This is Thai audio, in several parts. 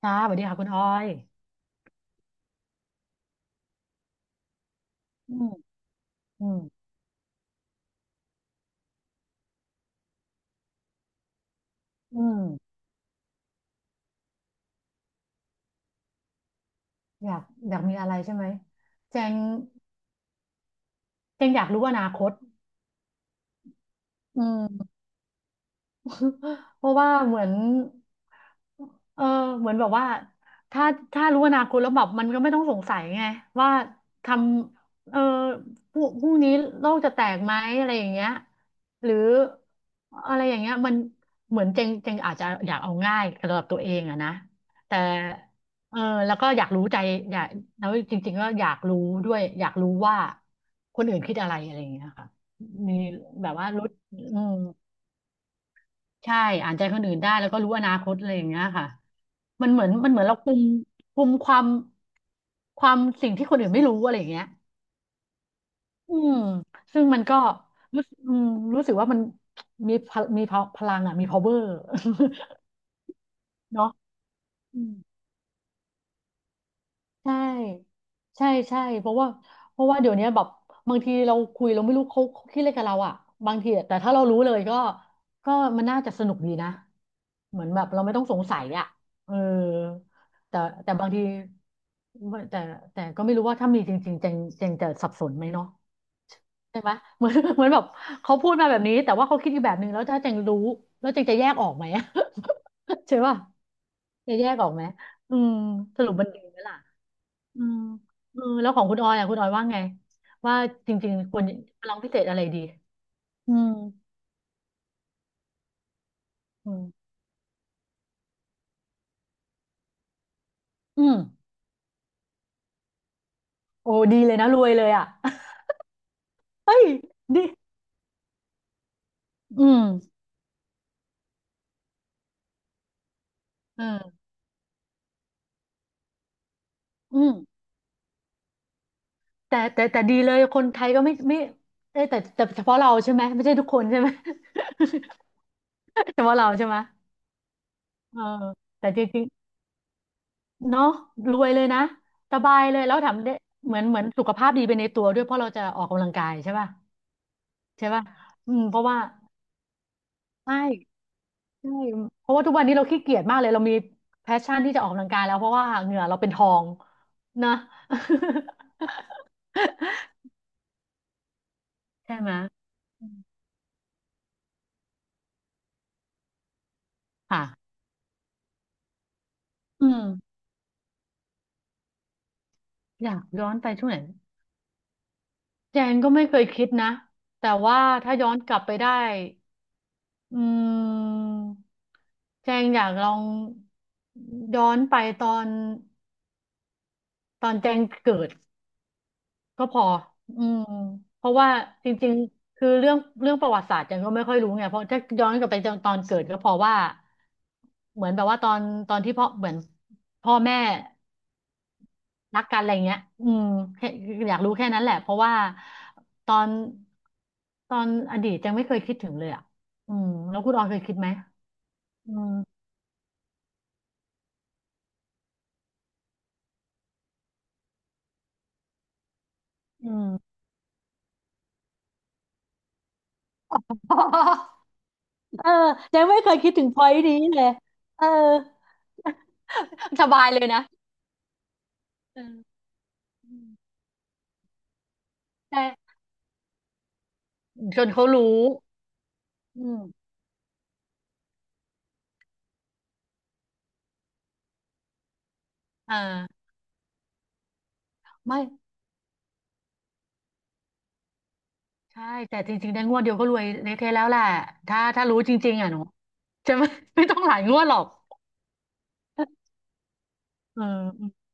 ค่ะสวัสดีค่ะคุณออยอืมอืมอืมอยากอยากมีอะไรใช่ไหมแจงแจงอยากรู้อนาคตอืม เพราะว่าเหมือนเออเหมือนแบบว่าถ้าถ้ารู้อนาคตแล้วแบบมันก็ไม่ต้องสงสัยไงว่าทำเออพรุ่งนี้โลกจะแตกไหมอะไรอย่างเงี้ยหรืออะไรอย่างเงี้ยมันเหมือนเจงเจงอาจจะอยากเอาง่ายสำหรับตัวเองอะนะแต่เออแล้วก็อยากรู้ใจอยากแล้วจริงๆก็อยากรู้ด้วยอยากรู้ว่าคนอื่นคิดอะไรอะไรอย่างเงี้ยค่ะมีแบบว่ารู้อืม ใช่ อ่านใจคนอื่นได้ แล้วก็รู้อนาคตอะไรอย่างเงี้ยค่ะ มันเหมือนเราคุมคุมความความสิ่งที่คนอื่นไม่รู้อะไรอย่างเงี้ยอืมซึ่งมันก็รู้สึกรู้สึกว่ามันมีพลังอ่ะมี power เนาะ ใช่ใช่เพราะว่าเพราะว่าเดี๋ยวนี้แบบบางทีเราคุยเราไม่รู้เขาคิดอะไรกับเราอ่ะบางทีอะแต่ถ้าเรารู้เลยก็มันน่าจะสนุกดีนะเหมือนแบบเราไม่ต้องสงสัยอ่ะเออแต่แต่บางทีแต่แต่ก็ไม่รู้ว่าถ้ามีจริงๆเจงเจงจะสับสนไหมเนาะใช่ไหม เหมือนเหมือนแบบเขาพูดมาแบบนี้แต่ว่าเขาคิดอีกแบบหนึ่งแล้วถ้าเจงรู้แล้วเจงจะแยกออกไหม ใช่ป่ะจะแยกออกไหมอืมสรุปมันดีไหมล่ะ อืมเออแล้วของคุณออยอ่ะคุณออยว่าไงว่าจริงๆควรร้องพิเศษอะไรดีอืมอืมอืมโอ้ดีเลยนะรวยเลยอ่ะ เฮ้ยดีอืมเอออืมแต่ดีเลยคนไทยก็ไม่เอ้ยแต่เฉพาะเราใช่ไหมไม่ใช่ทุกคนใช่ไหม เฉพาะเราใช่ไหมเออแต่จริงๆเนาะรวยเลยนะสบายเลยแล้วทำได้เหมือนเหมือนสุขภาพดีไปในตัวด้วยเพราะเราจะออกกำลังกายใช่ป่ะใช่ป่ะอืมเพราะว่าใช่ ใช่เพราะว่าทุกวันนี้เราขี้เกียจมากเลย เรามีแพชชั่นที่จะออกกำลังกายแล้วเพราะว่าเหงื่อเราเป็นทองนะ ใช่ไหมอืมค่ะอืมอยากย้อนไปช่วงไหนแจงก็ไม่เคยคิดนะแต่ว่าถ้าย้อนกลับไปได้อืมแจงอยากลองย้อนไปตอนแจงเกิด ก็พออืมเพราะว่าจริงๆ คือเรื่องประวัติศาสตร์จันก็ไม่ค่อยรู้ไงเพราะถ้าย้อนกลับไปตอนเกิดก็เพอว่าเหมือนแบบว่าตอนตอนที่พ่อเหมือนพ่อแม่รักกันอะไรเงี้ยอืมแค่อยากรู้แค่นั้นแหละ เพราะว่าตอนตอนอดีตจังไม่เคยคิดถึงเลยอ่ะอืมแล้วคุณออยเคยคิดไหมอืมอืม เออยังไม่เคยคิดถึงพอยต์นี้เลยเออสบายเลยนะเออใช่ จนเขารู้อืมเออไม่ ใช่ แต่จริงๆได้งวดเดียวก็รวยเละเทะแล้วแหละถ้ารู้จริงๆอ่ะหนูจะไม่ ไม่ต้องหลายงวดหรอกเออ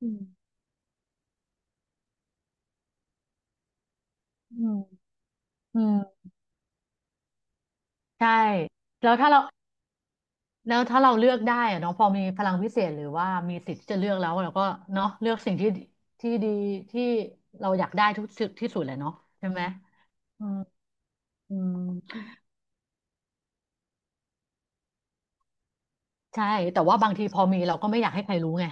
อืมอืมอืมใช่แล้วถ้าเราแล้วถ้าเราเลือกได้อะเนาะพอมีพลังพิเศษหรือว่ามีสิทธิ์ที่จะเลือกแล้วเราก็เนาะเลือกสิ่งที่ที่ดีที่เราอยากได้ทุกสุดที่สุดแหละเนาะใช่ไหมอืมอืมใช่แต่ว่าบางทีพอมีเราก็ไม่อยากให้ใครรู้ไง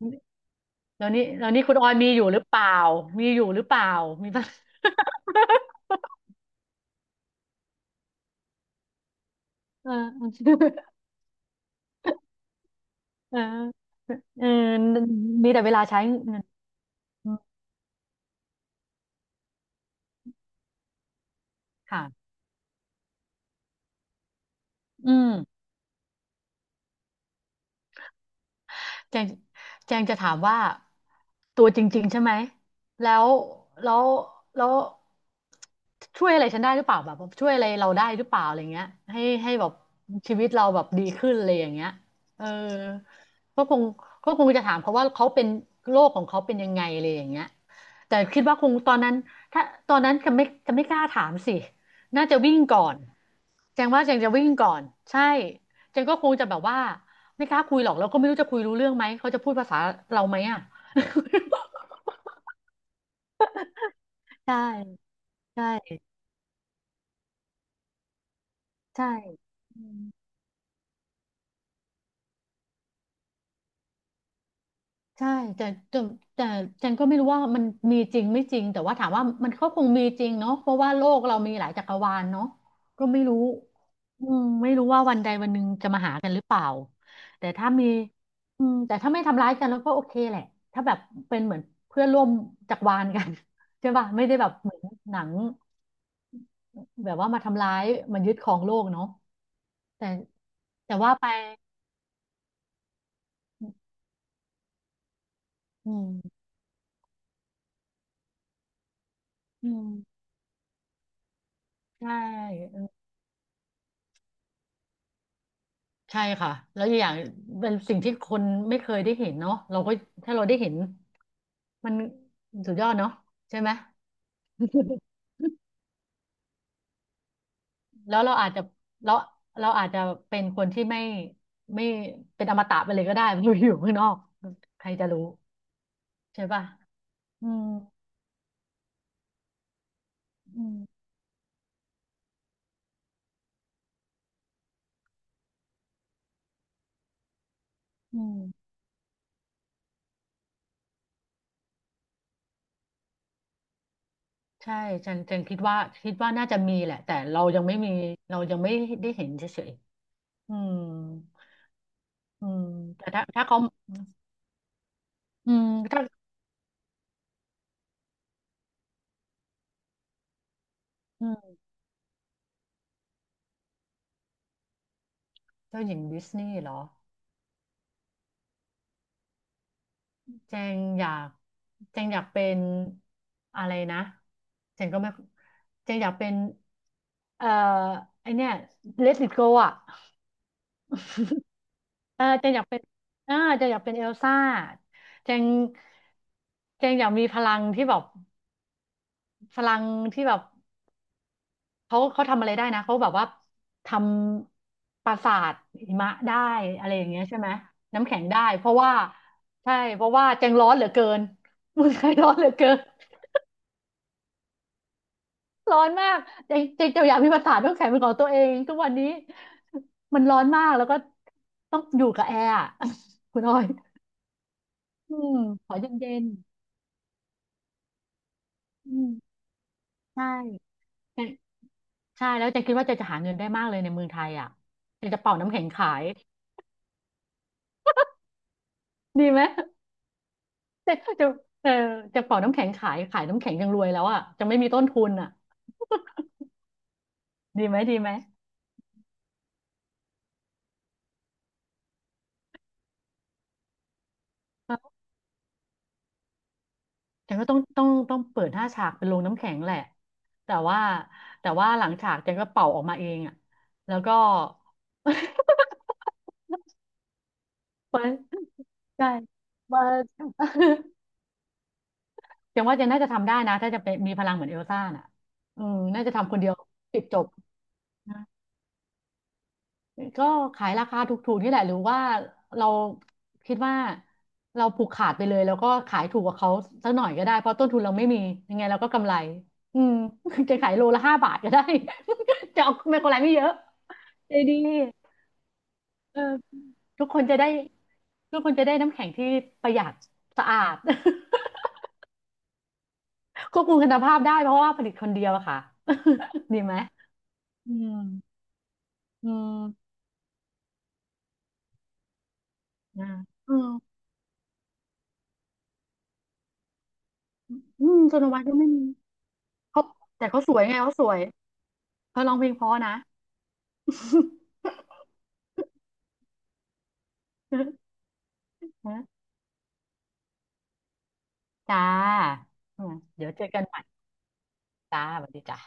แล้วนี่คุณออยมีอยู่หรือเปล่ามีอยู่หรือเปล่ามีปะ เออเออเออมีแต่เวลาใช้เงินอืมค่ะอืม แจงแจงจะถามว่าตัวจริงๆใช่ไหมแล้วแล้วแล้วช่วยอะไรฉันได้หรือเปล่าแบบช่วยอะไรเราได้หรือเปล่าอะไรเงี้ยให้แบบชีวิตเราแบบดีขึ้นอะไรอย่างเงี้ยเออก็คงก็คงจะถามเขาว่าเขาเป็นโรคของเขาเป็นยังไงอะไรอย่างเงี้ยแต่คิดว่าคงตอนนั้นถ้าตอนนั้นจะไม่กล้าถามสิน่าจะวิ่งก่อนแจงว่าแจงจะวิ่งก่อนใช่แจงก็คงจะแบบว่า ไม่กล้าคุยหรอกแล้วก็ไม่รู้จะคุยรู้เรื่องไหมเขาจะพูดภาษาเราไหมอ่ะ ใช่ใช่ใช่อืมใช่แต่แต่แต่จันก็ไม่รู้ว่ามันมีจริงไม่จริงแต่ว่าถามว่ามันก็คงมีจริงเนาะเพราะว่าโลกเรามีหลายจักรวาลเนาะก็ไม่รู้อืมไม่รู้ว่าวันใดวันหนึ่งจะมาหากันหรือเปล่าแต่ถ้ามีอืมแต่ถ้าไม่ทำร้ายกันแล้วก็โอเคแหละถ้าแบบเป็นเหมือนเพื่อนร่วมจักรวาลกัน ใช่ป่ะไม่ได้แบบเหมือนหนัง แบบว่ามาทำร้ายมายึดครองโลกเนาะแต่แต่ว่าไปอืมอืมใช่ใช่ค่ะแล้วอกอย่างเป็นสิ่งที่คนไม่เคยได้เห็นเนาะเราก็ถ้าเราได้เห็นมันสุดยอดเนาะใช่ไหม แล้วเราอาจจะเราเราอาจจะเป็นคนที่ไม่เป็นอมตะไปเลยก็ได้ ไม่อยู่ข้างนอกใครจะรู้ใช่ป่ะอืมอืมอืม ใช่ฉันคิดว่าคิดว่าน่าจะมีแหละแต่เรายังไม่มีเรายังไม่ได้เห็นเฉยๆอืมอืมแต่ถ้าถ้าเขาอืมถ้าอืมเจ้าหญิงดิสนีย์เหรอเจงอยากเจงอยากเป็นอะไรนะเจงก็ไม่เจงอยากเป็นเอ่อไอเนี่ยเลติ t โกอ่ะเออเจงอยากเป็นเจงอยากเป็นเอลซ่าเจงเจงอยากมีพลังที่แบบพลังที่แบบ เขาเขาทำอะไรได้นะเขาแบบว่าทำปราสาทหิมะได้อะไรอย่างเงี้ยใช่ไหมน้ำแข็งได้เพราะว่าใช่เพราะว่าแจงร้อนเหลือเกิน เมืองไทยร้อนเหลือเกินร้อนมากแจงแจงจะอยากมีปราสาทน้ำแข็งเป็นของตัวเองทุกวันนี้มันร้อนมากแล้วก็ต้องอยู่กับแอร์อะ คุณออยอืมขอเย็นๆอืมใช่แต่ใช่แล้วแจะคิดว่าแจะจะหาเงินได้มากเลยในเมืองไทยอ่ะเจะจะเป่าน้ำแข็งขาย ดีไหม แต่ถ้จะเออจะเป่าน้ำแข็งขายขายน้ำแข็งยังรวยแล้วอ่ะจะไม่มีต้นทุนอ่ะดีไหมดีไหมเออแต่ก็ต้องเปิดหน้าฉากเป็นโรงน้ำแข็งแหละแต่ว่าแต่ว่าหลังฉากเจังก็เป่าออกมาเองอ่ะแล้วก็ เปิดใช่มา เจัง ว่าเจังน่าจะทำได้นะถ้าจะเป็นมีพลังเหมือนเอลซ่าน่ะอืมน่าจะทำคนเดียวปิดจบ ก็ขายราคาถูกๆนี่แหละหรือว่าเราคิดว่าเราผูกขาดไปเลยแล้วก็ขายถูกกว่าเขาสักหน่อยก็ได้เพราะต้นทุนเราไม่มียังไงเราก็กำไรอืม จะขายโลละ5 บาทก็ได้ จะเอาไม่กำไรไม่เยอะใจดีเออทุกคนจะได้ทุกคนจะได้น้ำแข็งที่ประหยัดสะอาด ควบคุมคุณภาพได้เพราะว่าผลิตคนเดียวอะค่ะ ดีไหมอืมอืมนะอืมอืมโซนวัดก็ไม่มีเขาแต่เขาสวยไงเขาสวย เธอร้องเพลงเพราะนะ นะจ้าเดี๋ยวเจอกันใหม่จ้าสวัสดีจ้า